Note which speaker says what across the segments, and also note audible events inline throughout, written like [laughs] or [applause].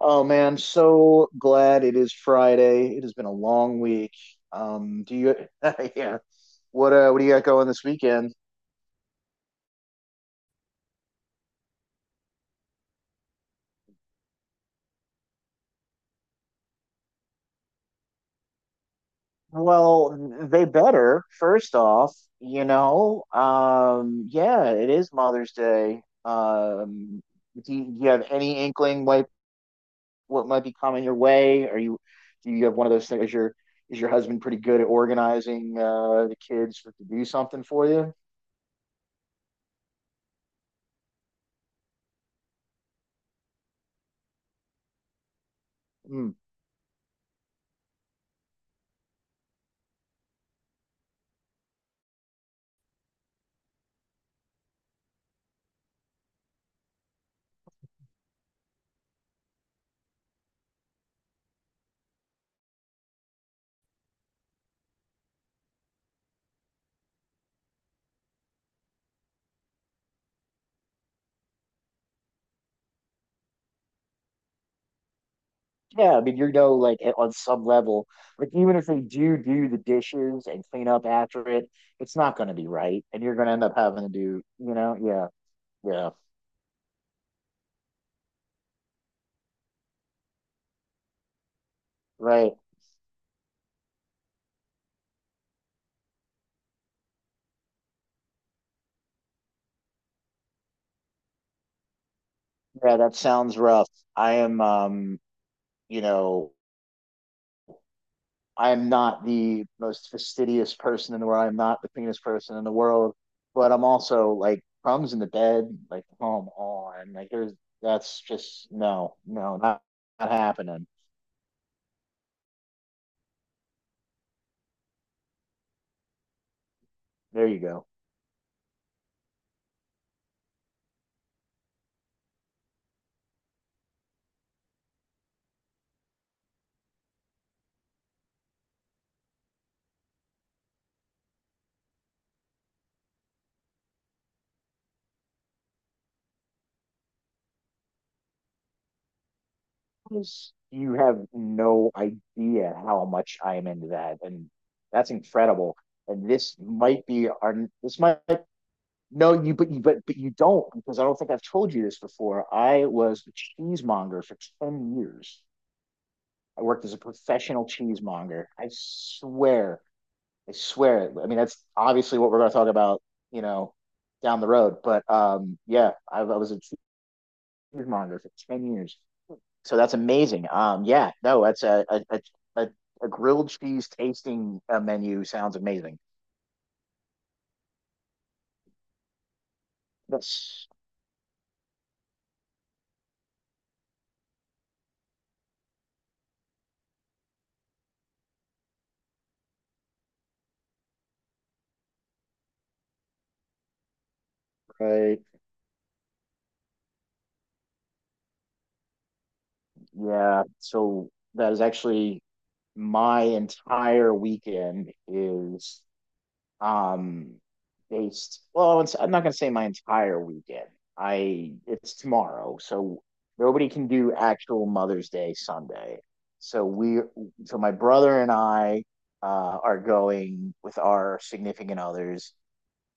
Speaker 1: Oh man, so glad it is Friday. It has been a long week. Um, do you, [laughs] yeah, what do you got going this weekend? Well, they better, first off, you know. Yeah, it is Mother's Day. Do you have any inkling what might be coming your way? Are you do you have one of those things? Is your husband pretty good at organizing the kids to do something for you? Hmm. Yeah, I mean, you know, like on some level, like even if they do the dishes and clean up after it, it's not going to be right, and you're going to end up having to do, you know, yeah, yeah, right, yeah. That sounds rough. I am, you know, I am not the most fastidious person in the world. I'm not the cleanest person in the world, but I'm also like crumbs in the bed. Like, come on, like there's that's just no, no, not happening. There you go. Films, you have no idea how much I am into that, and that's incredible. And this might be our this might no you but you but you don't because I don't think I've told you this before. I was a cheesemonger for ten years. I worked as a professional cheesemonger. I swear, I swear. It. I mean, that's obviously what we're going to talk about, you know, down the road. But yeah, I was a cheesemonger for ten years, so that's amazing. Yeah, no, that's a a, a a a grilled cheese tasting menu sounds amazing. That's right. Yeah, so that is actually my entire weekend is um based I'm not going to say my entire weekend I it's tomorrow, so nobody can do actual Mother's Day Sunday. So we so my brother and I are going with our significant others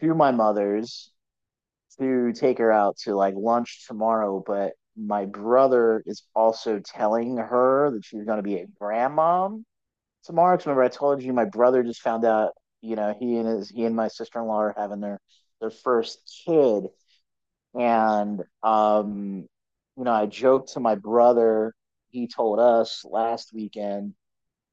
Speaker 1: to my mother's to take her out to like lunch tomorrow, but my brother is also telling her that she's going to be a grandmom. So Marks, remember I told you my brother just found out, you know, he and my sister-in-law are having their first kid. And you know, I joked to my brother, he told us last weekend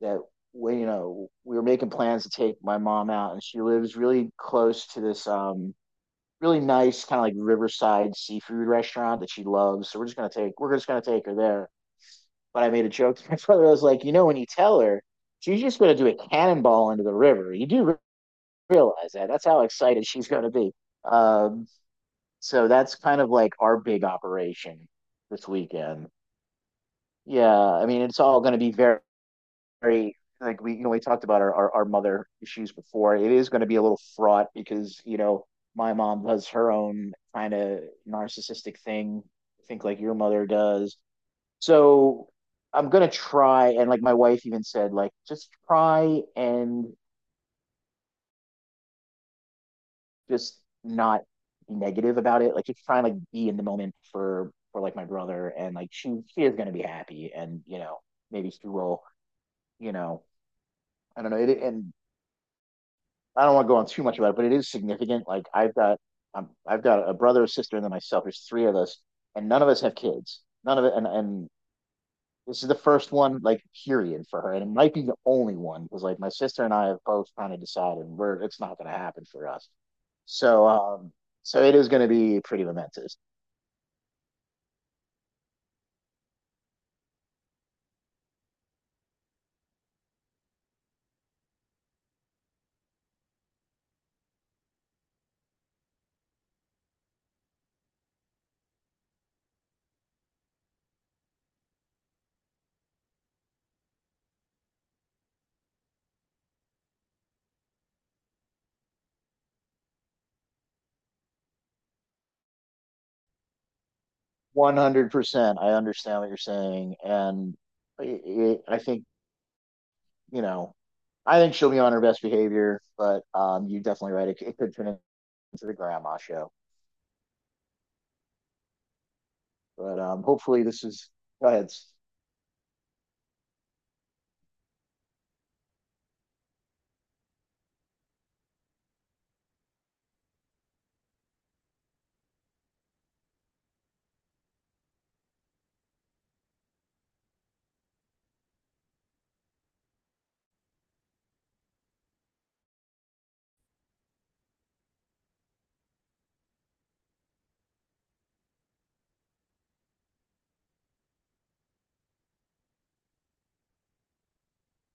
Speaker 1: that you know, we were making plans to take my mom out, and she lives really close to this really nice kind of like riverside seafood restaurant that she loves. So we're just gonna take her there. But I made a joke to my [laughs] brother. I was like, you know, when you tell her, she's just going to do a cannonball into the river. You do realize that. That's how excited she's going to be. Um, so that's kind of like our big operation this weekend. Yeah, I mean, it's all going to be very, very like we you know we talked about our mother issues before. It is going to be a little fraught because you know my mom does her own kind of narcissistic thing. I think like your mother does. So I'm gonna try, and like my wife even said, like just try and just not be negative about it. Like just try and like be in the moment for like my brother, and like she is gonna be happy, and you know maybe she will, you know I don't know. It, and I don't want to go on too much about it, but it is significant. Like I've got a brother, a sister, and then myself. There's three of us, and none of us have kids. None of it, and This is the first one, like, period for her. And it might be the only one because, like, my sister and I have both kind of decided it's not going to happen for us. So, so it is going to be pretty momentous. 100%. I understand what you're saying. And I think, you know, I think she'll be on her best behavior, but you're definitely right. It could turn into the grandma show. But hopefully, go ahead.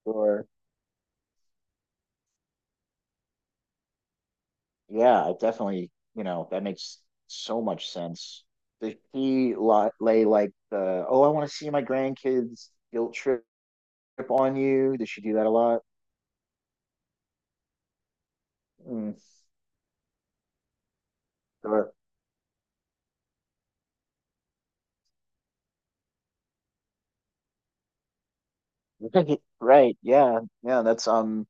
Speaker 1: Or, yeah, it definitely, you know, that makes so much sense. Did he li lay like the, oh, I want to see my grandkids guilt trip on you? Did she do that a lot? Mm, sure. [laughs] Right, yeah, yeah. That's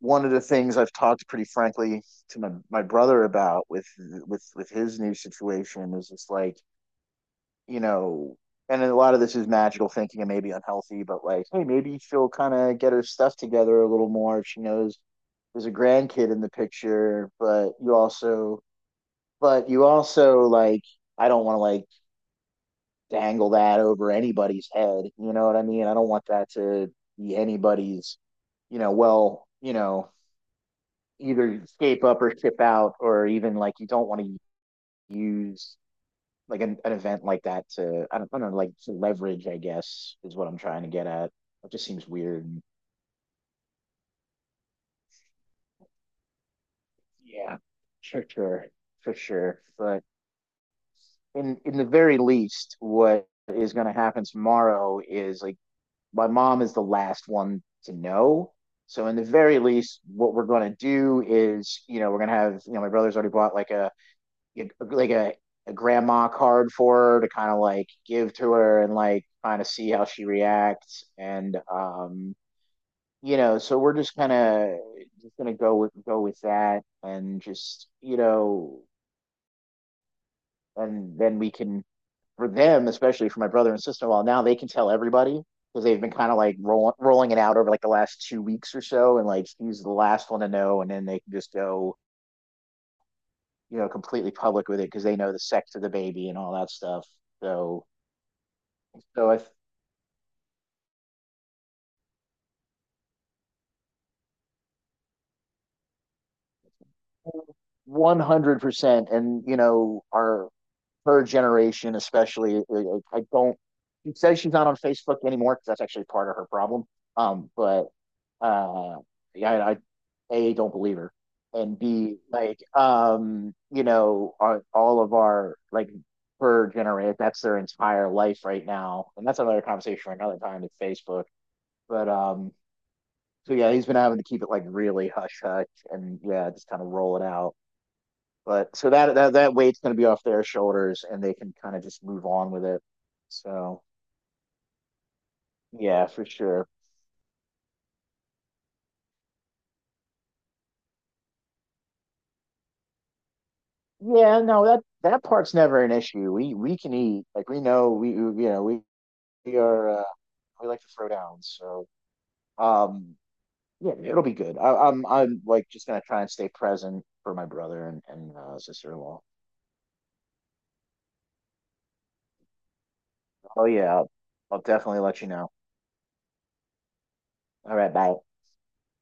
Speaker 1: one of the things I've talked pretty frankly to my brother about with his new situation is just like you know, and a lot of this is magical thinking and maybe unhealthy, but like, hey, maybe she'll kind of get her stuff together a little more if she knows there's a grandkid in the picture, but you also like, I don't want to like dangle that over anybody's head. You know what I mean? I don't want that to be anybody's, you know, well, you know, either escape up or ship out, or even like you don't want to use like an event like that to I don't know like to leverage, I guess, is what I'm trying to get at. It just seems weird. Yeah, sure, sure, for sure. But in the very least, what is going to happen tomorrow is like my mom is the last one to know. So in the very least, what we're going to do is you know we're going to have you know my brother's already bought like like a a grandma card for her to kind of like give to her and like kind of see how she reacts. And you know, so we're just kind of just gonna go with that, and just you know, and then we can for them, especially for my brother and sister in law, now they can tell everybody because they've been kind of like rolling it out over like the last two weeks or so, and like he's the last one to know, and then they can just go you know completely public with it because they know the sex of the baby and all that stuff. So so I. Th- 100%. And you know our her generation, especially. I don't. She says she's not on Facebook anymore because that's actually part of her problem. But uh, yeah, I a don't believe her, and b like you know, all of our like her generation, that's their entire life right now, and that's another conversation for another time with Facebook. But so yeah, he's been having to keep it like really hush hush, and yeah, just kind of roll it out. But so that weight's going to be off their shoulders, and they can kind of just move on with it. So yeah, for sure. Yeah, no, that part's never an issue. We can eat like we know we you know we are we like to throw down. So um yeah, it'll be good. I'm like just gonna try and stay present for my brother and sister-in-law. Oh yeah, I'll definitely let you know. All right, bye.